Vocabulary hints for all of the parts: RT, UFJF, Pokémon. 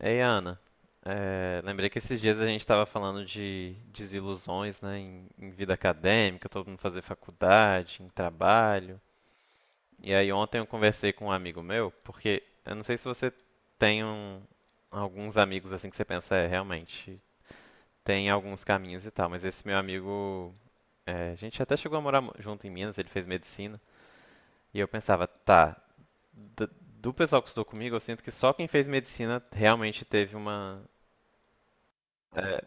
Ei, Ana, lembrei que esses dias a gente estava falando de desilusões, né, em vida acadêmica, todo mundo fazer faculdade, em trabalho. E aí ontem eu conversei com um amigo meu, porque eu não sei se você tem um- alguns amigos assim que você pensa, é, realmente, tem alguns caminhos e tal, mas esse meu amigo, a gente até chegou a morar junto em Minas, ele fez medicina, e eu pensava, tá, d- do pessoal que estudou comigo, eu sinto que só quem fez medicina realmente teve uma. eh,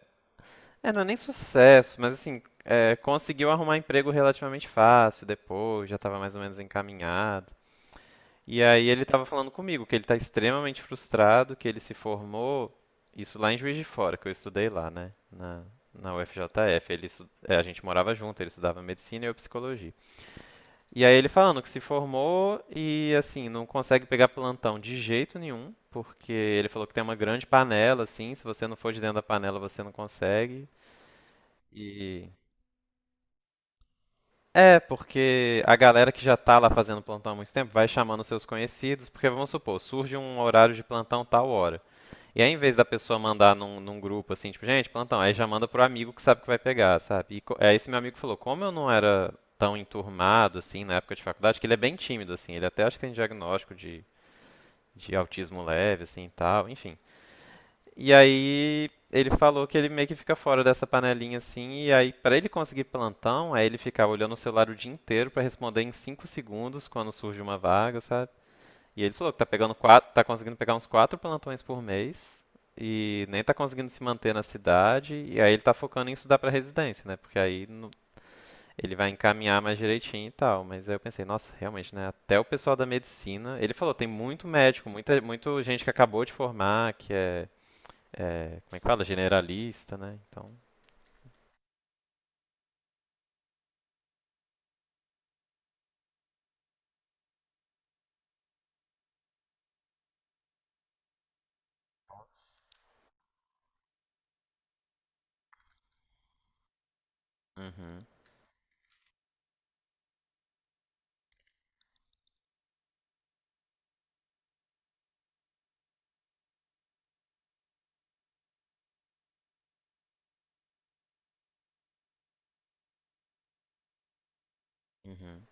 É, não é nem sucesso, mas assim, é, conseguiu arrumar emprego relativamente fácil depois, já estava mais ou menos encaminhado. E aí ele estava falando comigo que ele está extremamente frustrado, que ele se formou, isso lá em Juiz de Fora, que eu estudei lá, né, na UFJF. Ele, é, a gente morava junto, ele estudava medicina e eu psicologia. E aí ele falando que se formou e assim, não consegue pegar plantão de jeito nenhum, porque ele falou que tem uma grande panela, assim, se você não for de dentro da panela você não consegue. E É, porque a galera que já tá lá fazendo plantão há muito tempo vai chamando seus conhecidos, porque vamos supor, surge um horário de plantão tal hora. E aí, em vez da pessoa mandar num grupo assim, tipo, gente, plantão, aí já manda pro amigo que sabe que vai pegar, sabe? Aí esse meu amigo falou, como eu não era tão enturmado assim na época de faculdade, que ele é bem tímido assim, ele até acho que tem diagnóstico de autismo leve assim, e tal, enfim. E aí ele falou que ele meio que fica fora dessa panelinha assim, e aí pra ele conseguir plantão, aí ele ficava olhando o celular o dia inteiro pra responder em 5 segundos quando surge uma vaga, sabe? E ele falou que tá pegando quatro, tá conseguindo pegar uns quatro plantões por mês e nem tá conseguindo se manter na cidade, e aí ele tá focando em estudar pra residência, né? Porque aí no- Ele vai encaminhar mais direitinho e tal. Mas aí eu pensei, nossa, realmente, né? Até o pessoal da medicina, ele falou, tem muito médico, muito gente que acabou de formar, que é, como é que fala? Generalista, né? Então. Uhum, uhum,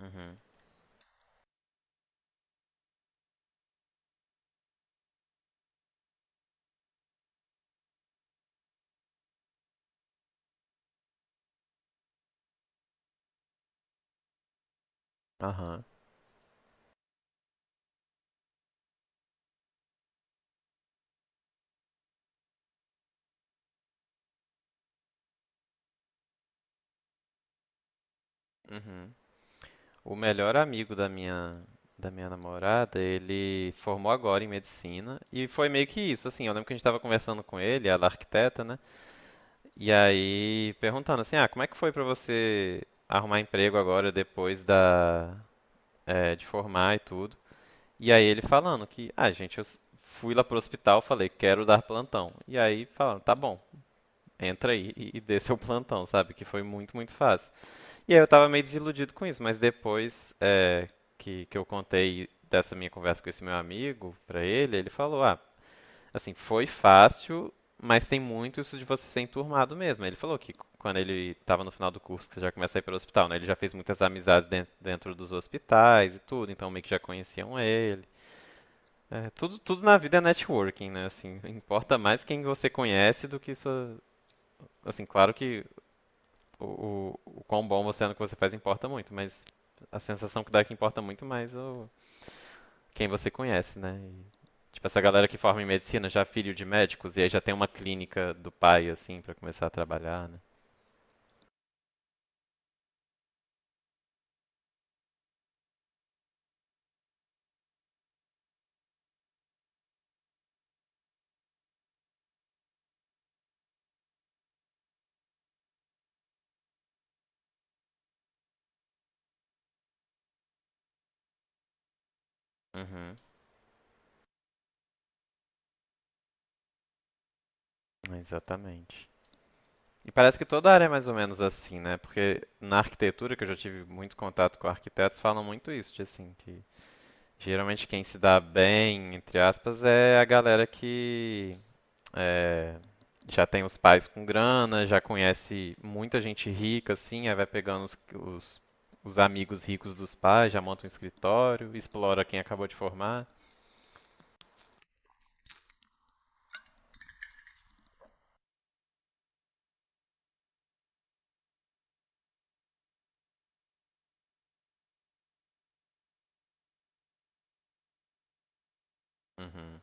uhum, aham, uhum. O melhor amigo da minha namorada, ele formou agora em medicina e foi meio que isso, assim, eu lembro que a gente tava conversando com ele, ela é arquiteta, né? E aí perguntando assim, ah, como é que foi pra você arrumar emprego agora depois da é, de formar e tudo? E aí ele falando que, ah, gente, fui lá pro hospital, falei, quero dar plantão. E aí falando, tá bom, entra aí e dê seu plantão, sabe? Que foi muito, muito fácil. E aí eu tava meio desiludido com isso, mas depois é, que eu contei dessa minha conversa com esse meu amigo pra ele, ele falou: ah, assim, foi fácil, mas tem muito isso de você ser enturmado mesmo. Ele falou que quando ele estava no final do curso, que você já começa a ir para o hospital, né? Ele já fez muitas amizades dentro dos hospitais e tudo, então meio que já conheciam ele. É, tudo, tudo na vida é networking, né? Assim, importa mais quem você conhece do que sua. Assim, claro que o quão bom você é no que você faz importa muito, mas a sensação que dá é que importa muito mais o, quem você conhece, né? E, tipo, essa galera que forma em medicina já é filho de médicos e aí já tem uma clínica do pai, assim, pra começar a trabalhar, né? Uhum, exatamente. E parece que toda área é mais ou menos assim, né? Porque na arquitetura, que eu já tive muito contato com arquitetos, falam muito isso, de assim, que geralmente quem se dá bem, entre aspas, é a galera que é, já tem os pais com grana, já conhece muita gente rica, assim, aí vai pegando os amigos ricos dos pais, já monta um escritório, explora quem acabou de formar. Uhum,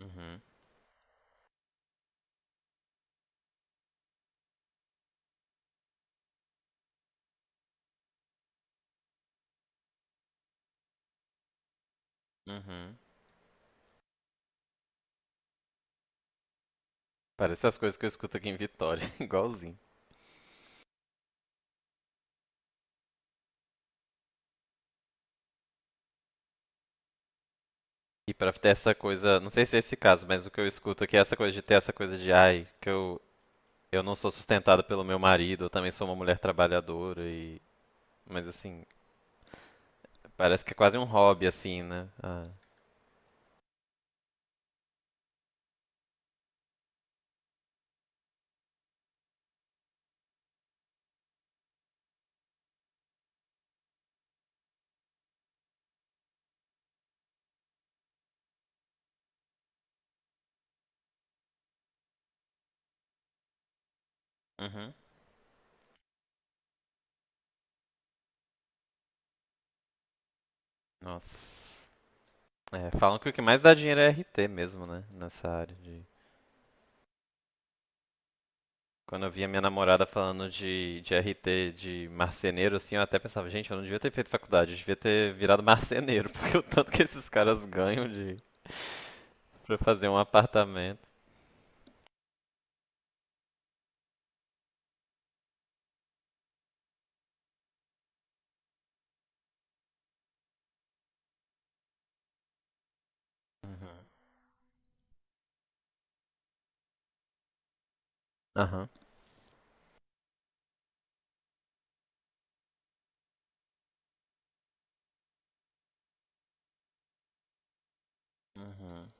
uhum, uhum. Parece as coisas que eu escuto aqui em Vitória, igualzinho. E pra ter essa coisa, não sei se é esse caso, mas o que eu escuto aqui é essa coisa de ter essa coisa de, ai, eu não sou sustentada pelo meu marido, eu também sou uma mulher trabalhadora e. Mas assim, parece que é quase um hobby, assim, né? Ah. Uhum, nossa. É, falam que o que mais dá dinheiro é RT mesmo, né? Nessa área de. Quando eu via minha namorada falando de RT de marceneiro, assim, eu até pensava, gente, eu não devia ter feito faculdade, eu devia ter virado marceneiro, porque o tanto que esses caras ganham de pra fazer um apartamento. Uhum. Aham. Uhum.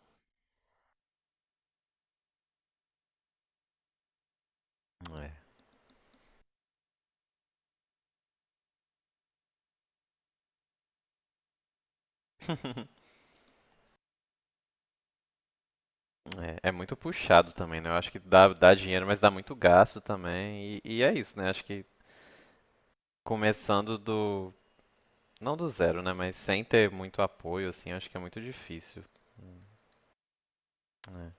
É. É, é muito puxado também, né? Eu acho que dá dinheiro, mas dá muito gasto também. E é isso, né? Acho que começando do, não do zero, né? Mas sem ter muito apoio, assim, acho que é muito difícil. Hum, É,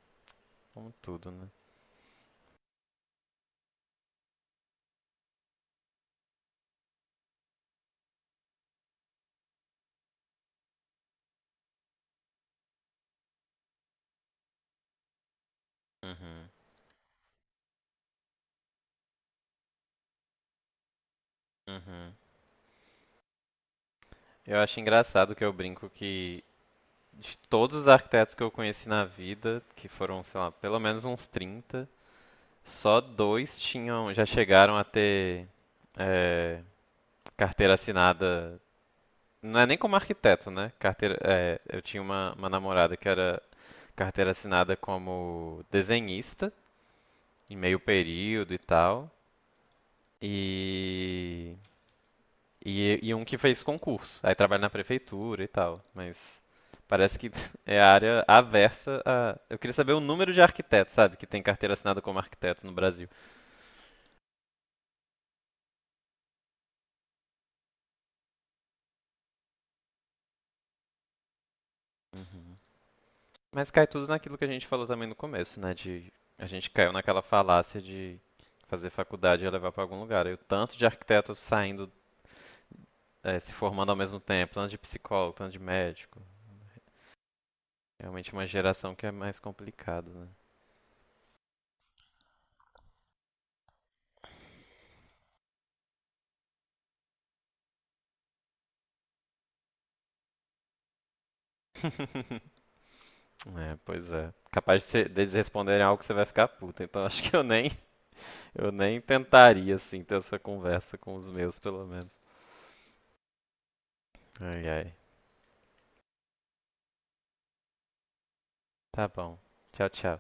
como tudo, né? Uhum, uhum. Eu acho engraçado que eu brinco que de todos os arquitetos que eu conheci na vida, que foram, sei lá, pelo menos uns trinta, só dois tinham, já chegaram a ter é, carteira assinada. Não é nem como arquiteto, né? Carteira, é, eu tinha uma namorada que era carteira assinada como desenhista, em meio período e tal. E, e um que fez concurso. Aí trabalha na prefeitura e tal. Mas parece que é a área aversa a. Eu queria saber o número de arquitetos, sabe? Que tem carteira assinada como arquitetos no Brasil. Uhum. Mas cai tudo naquilo que a gente falou também no começo, né? De a gente caiu naquela falácia de fazer faculdade e levar para algum lugar. E o tanto de arquitetos saindo, se formando ao mesmo tempo, tanto de psicólogo, tanto de médico. Realmente uma geração que é mais complicado, né? É, pois é. Capaz de deles responderem algo que você vai ficar puta. Então acho que eu nem tentaria, assim, ter essa conversa com os meus, pelo menos. Ai, ai. Tá bom. Tchau, tchau.